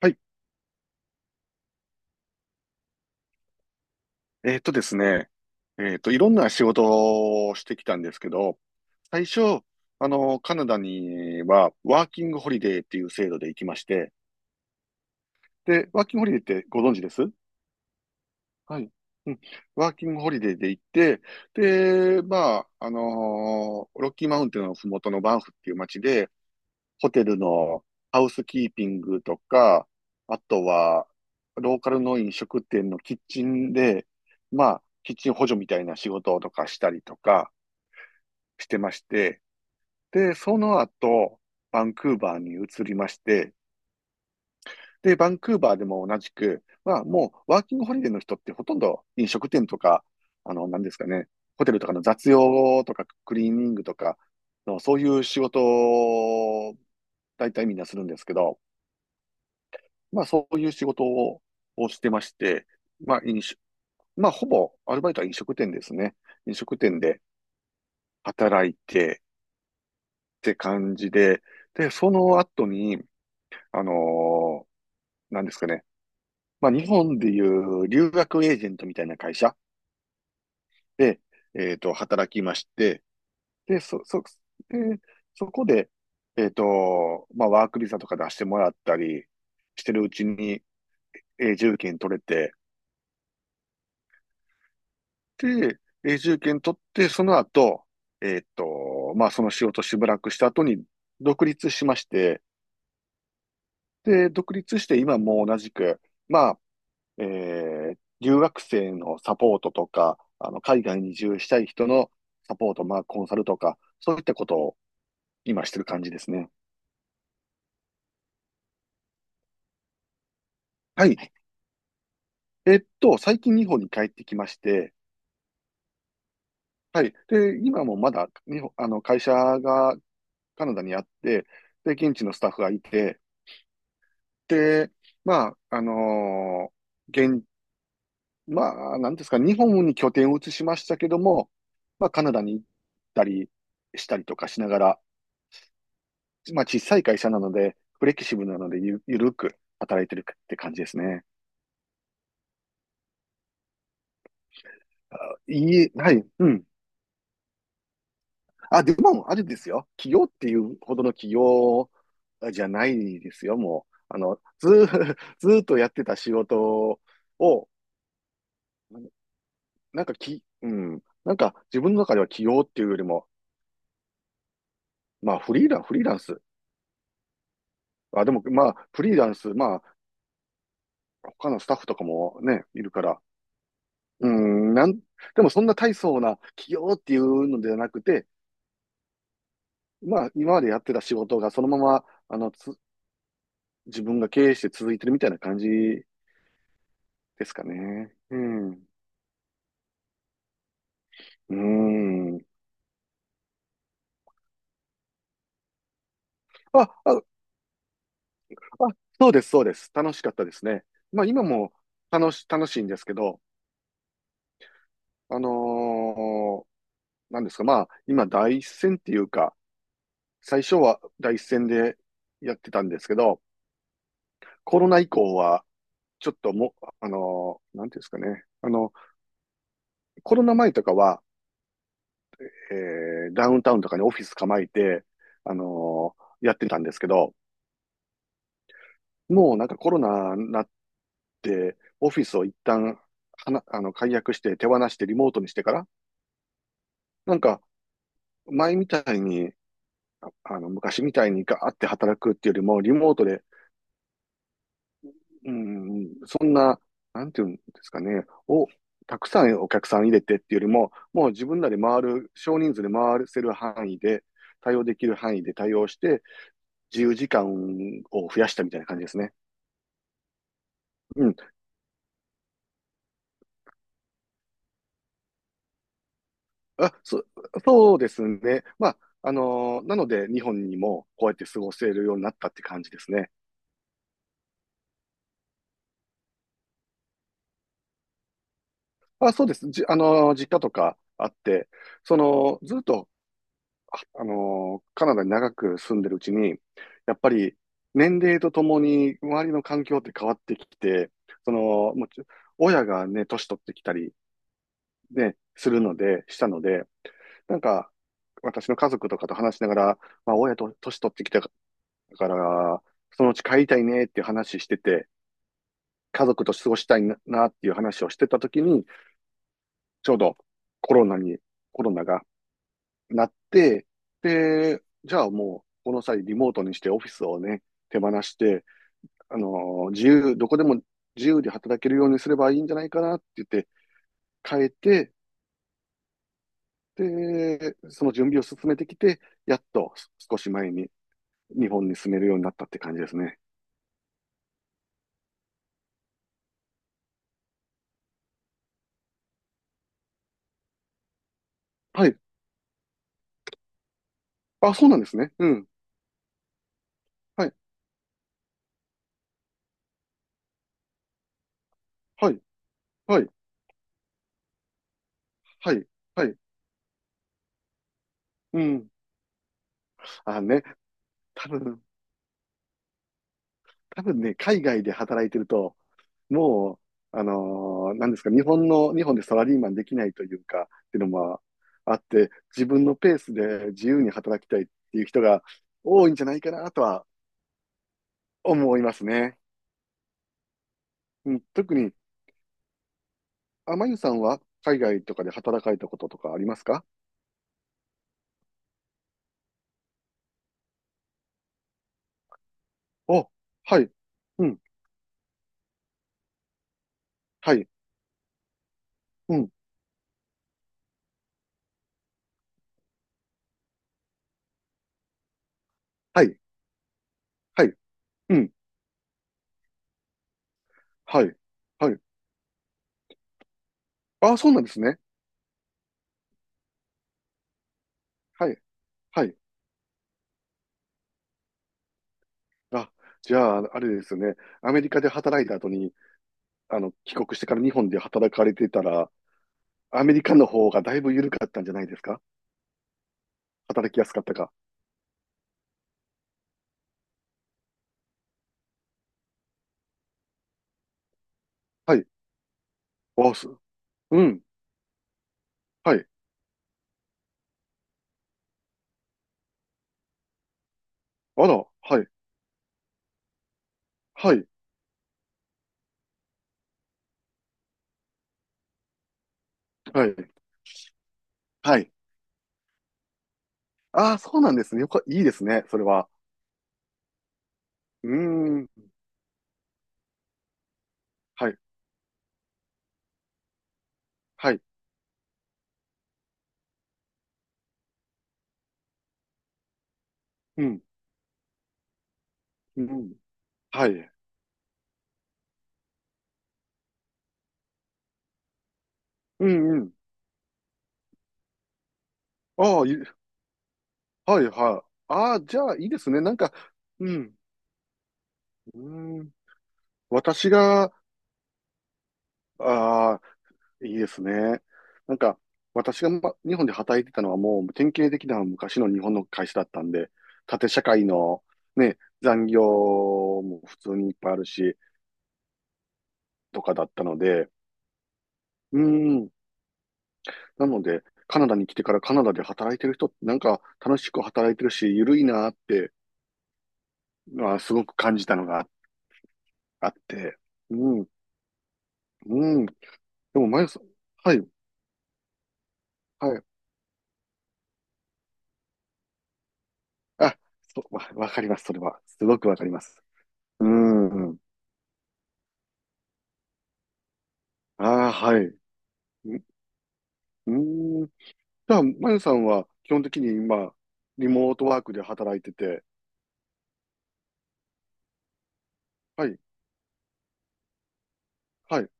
はい。ですね。いろんな仕事をしてきたんですけど、最初、カナダには、ワーキングホリデーっていう制度で行きまして、で、ワーキングホリデーってご存知です？はい。うん。ワーキングホリデーで行って、で、まあ、ロッキーマウンテンのふもとのバンフっていう街で、ホテルのハウスキーピングとか、あとは、ローカルの飲食店のキッチンで、まあ、キッチン補助みたいな仕事とかしたりとかしてまして、で、その後、バンクーバーに移りまして、で、バンクーバーでも同じく、まあ、もう、ワーキングホリデーの人ってほとんど飲食店とか、なんですかね、ホテルとかの雑用とか、クリーニングとかの、そういう仕事を、大体みんなするんですけど、まあ、そういう仕事をしてまして、まあ、まあ、ほぼ、アルバイトは飲食店ですね。飲食店で働いて、って感じで、で、その後に、あのーなんですかね。まあ、日本でいう留学エージェントみたいな会社で、働きまして、で、そ、そ、で、そこで、まあ、ワークビザとか出してもらったりしてるうちに、永住権取れて、で、永住権取って、その後、まあ、その仕事しばらくした後に独立しまして、で、独立して今も同じく、まあ、え留学生のサポートとか、海外に移住したい人のサポート、まあ、コンサルとか、そういったことを今してる感じですね。はい。最近日本に帰ってきまして、はい。で、今もまだ日本、会社がカナダにあって、で、現地のスタッフがいて、で、まあ、あのー現、まあ、なんですか、日本に拠点を移しましたけども、まあ、カナダに行ったりしたりとかしながら、まあ、小さい会社なので、フレキシブルなのでゆるく働いてるって感じですね。はい、うん。あ、でも、あれですよ。企業っていうほどの企業じゃないですよ、もう。あの、ずー、ずーっとやってた仕事を、なんかき、うん、なんか自分の中では起業っていうよりも、まあ、フリーランス。あ、でも、まあ、フリーランス、まあ、他のスタッフとかもね、いるから。うん、でもそんな大層な企業っていうのではなくて、まあ、今までやってた仕事がそのまま、自分が経営して続いてるみたいな感じですかね。うん。うん。あ、あ、あ、そうです、そうです。楽しかったですね。まあ、今も楽しいんですけど、あのーなんですか、まあ、今、第一線っていうか、最初は第一線でやってたんですけど、コロナ以降は、ちょっともなんていうんですかね。コロナ前とかは、えダウンタウンとかにオフィス構えて、あのやってたんですけど、もうなんかコロナになって、オフィスを一旦、はな、あの、解約して手放してリモートにしてから、なんか前みたいに、昔みたいにガーって働くっていうよりも、リモートでうん、そんな、なんていうんですかね、たくさんお客さん入れてっていうよりも、もう自分らで回る、少人数で回せる範囲で、対応できる範囲で対応して、自由時間を増やしたみたいな感じですね。うん。あ、そうですね。まあ、なので、日本にもこうやって過ごせるようになったって感じですね。まあ、そうです。じ、あのー実家とかあって、その、ずっとカナダに長く住んでるうちに、やっぱり年齢とともに周りの環境って変わってきて、その、もうち親がね、年取ってきたり、ね、するので、したので、なんか、私の家族とかと話しながら、まあ、親と年取ってきたから、そのうち帰りたいねっていう話してて、家族と過ごしたいなっていう話をしてた時に、ちょうどコロナに、コロナがなって、で、じゃあもう、この際リモートにしてオフィスをね、手放して、あの自由、どこでも自由で働けるようにすればいいんじゃないかなって言って変えて、で、その準備を進めてきて、やっと少し前に日本に住めるようになったって感じですね。はい。あ、そうなんですね。うん。はい。はい。はい。はい。はい。うん。あね、多分、多分ね、海外で働いてると、もう、なんですか、日本でサラリーマンできないというか、っていうのもあって、自分のペースで自由に働きたいっていう人が多いんじゃないかなとは思いますね。うん、特に、あまゆさんは海外とかで働かれたこととかありますか？お、はい、うん、はい、うん、はい、はい、うん、はい、はい。あ、そうなんですね。はい、はい。あ、じゃあ、あれですよね。アメリカで働いた後に、帰国してから日本で働かれてたら、アメリカの方がだいぶ緩かったんじゃないですか？働きやすかったか？はい。あ、す。うん。はい。あら、はい。はい。はい。はい。ああ、そうなんですね。いいですね。それは。うーん。はい。はい。うん。うん。はい。うんうん。ああ、はいはい。ああ、じゃあいいですね。なんか、うん。うーん。私が、あいいですね。なんか、私が、ま、日本で働いてたのはもう典型的な昔の日本の会社だったんで、縦社会のね、残業も普通にいっぱいあるし、とかだったので、うん。なので、カナダに来てからカナダで働いてる人ってなんか楽しく働いてるし、ゆるいなって、まあ、すごく感じたのがあって、うん、うん。でも、まゆさん、はい、はい。あ、そう、わかります、それは。すごくわかります。うん。ああ、はい。うーん。じゃあ、まゆさんは基本的に今、リモートワークで働いてて、はい、はい、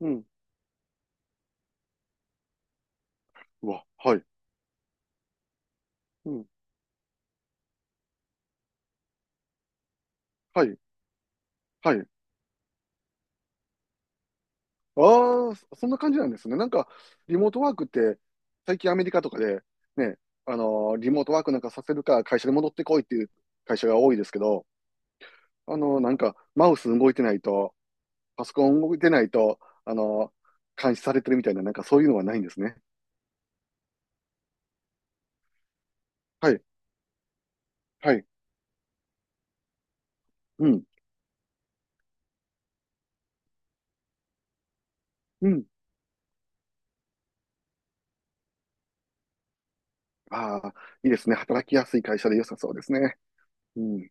うん、うわ、はい、うん、はい、はい。ああ、そそんな感じなんですね。なんか、リモートワークって、最近アメリカとかで、ね、リモートワークなんかさせるか、会社に戻ってこいっていう会社が多いですけど、なんか、マウス動いてないと、パソコン動いてないと、あのー監視されてるみたいな、なんかそういうのはないんですね。はい、はい、うん、うん。ああ、いいですね。働きやすい会社で良さそうですね。うん。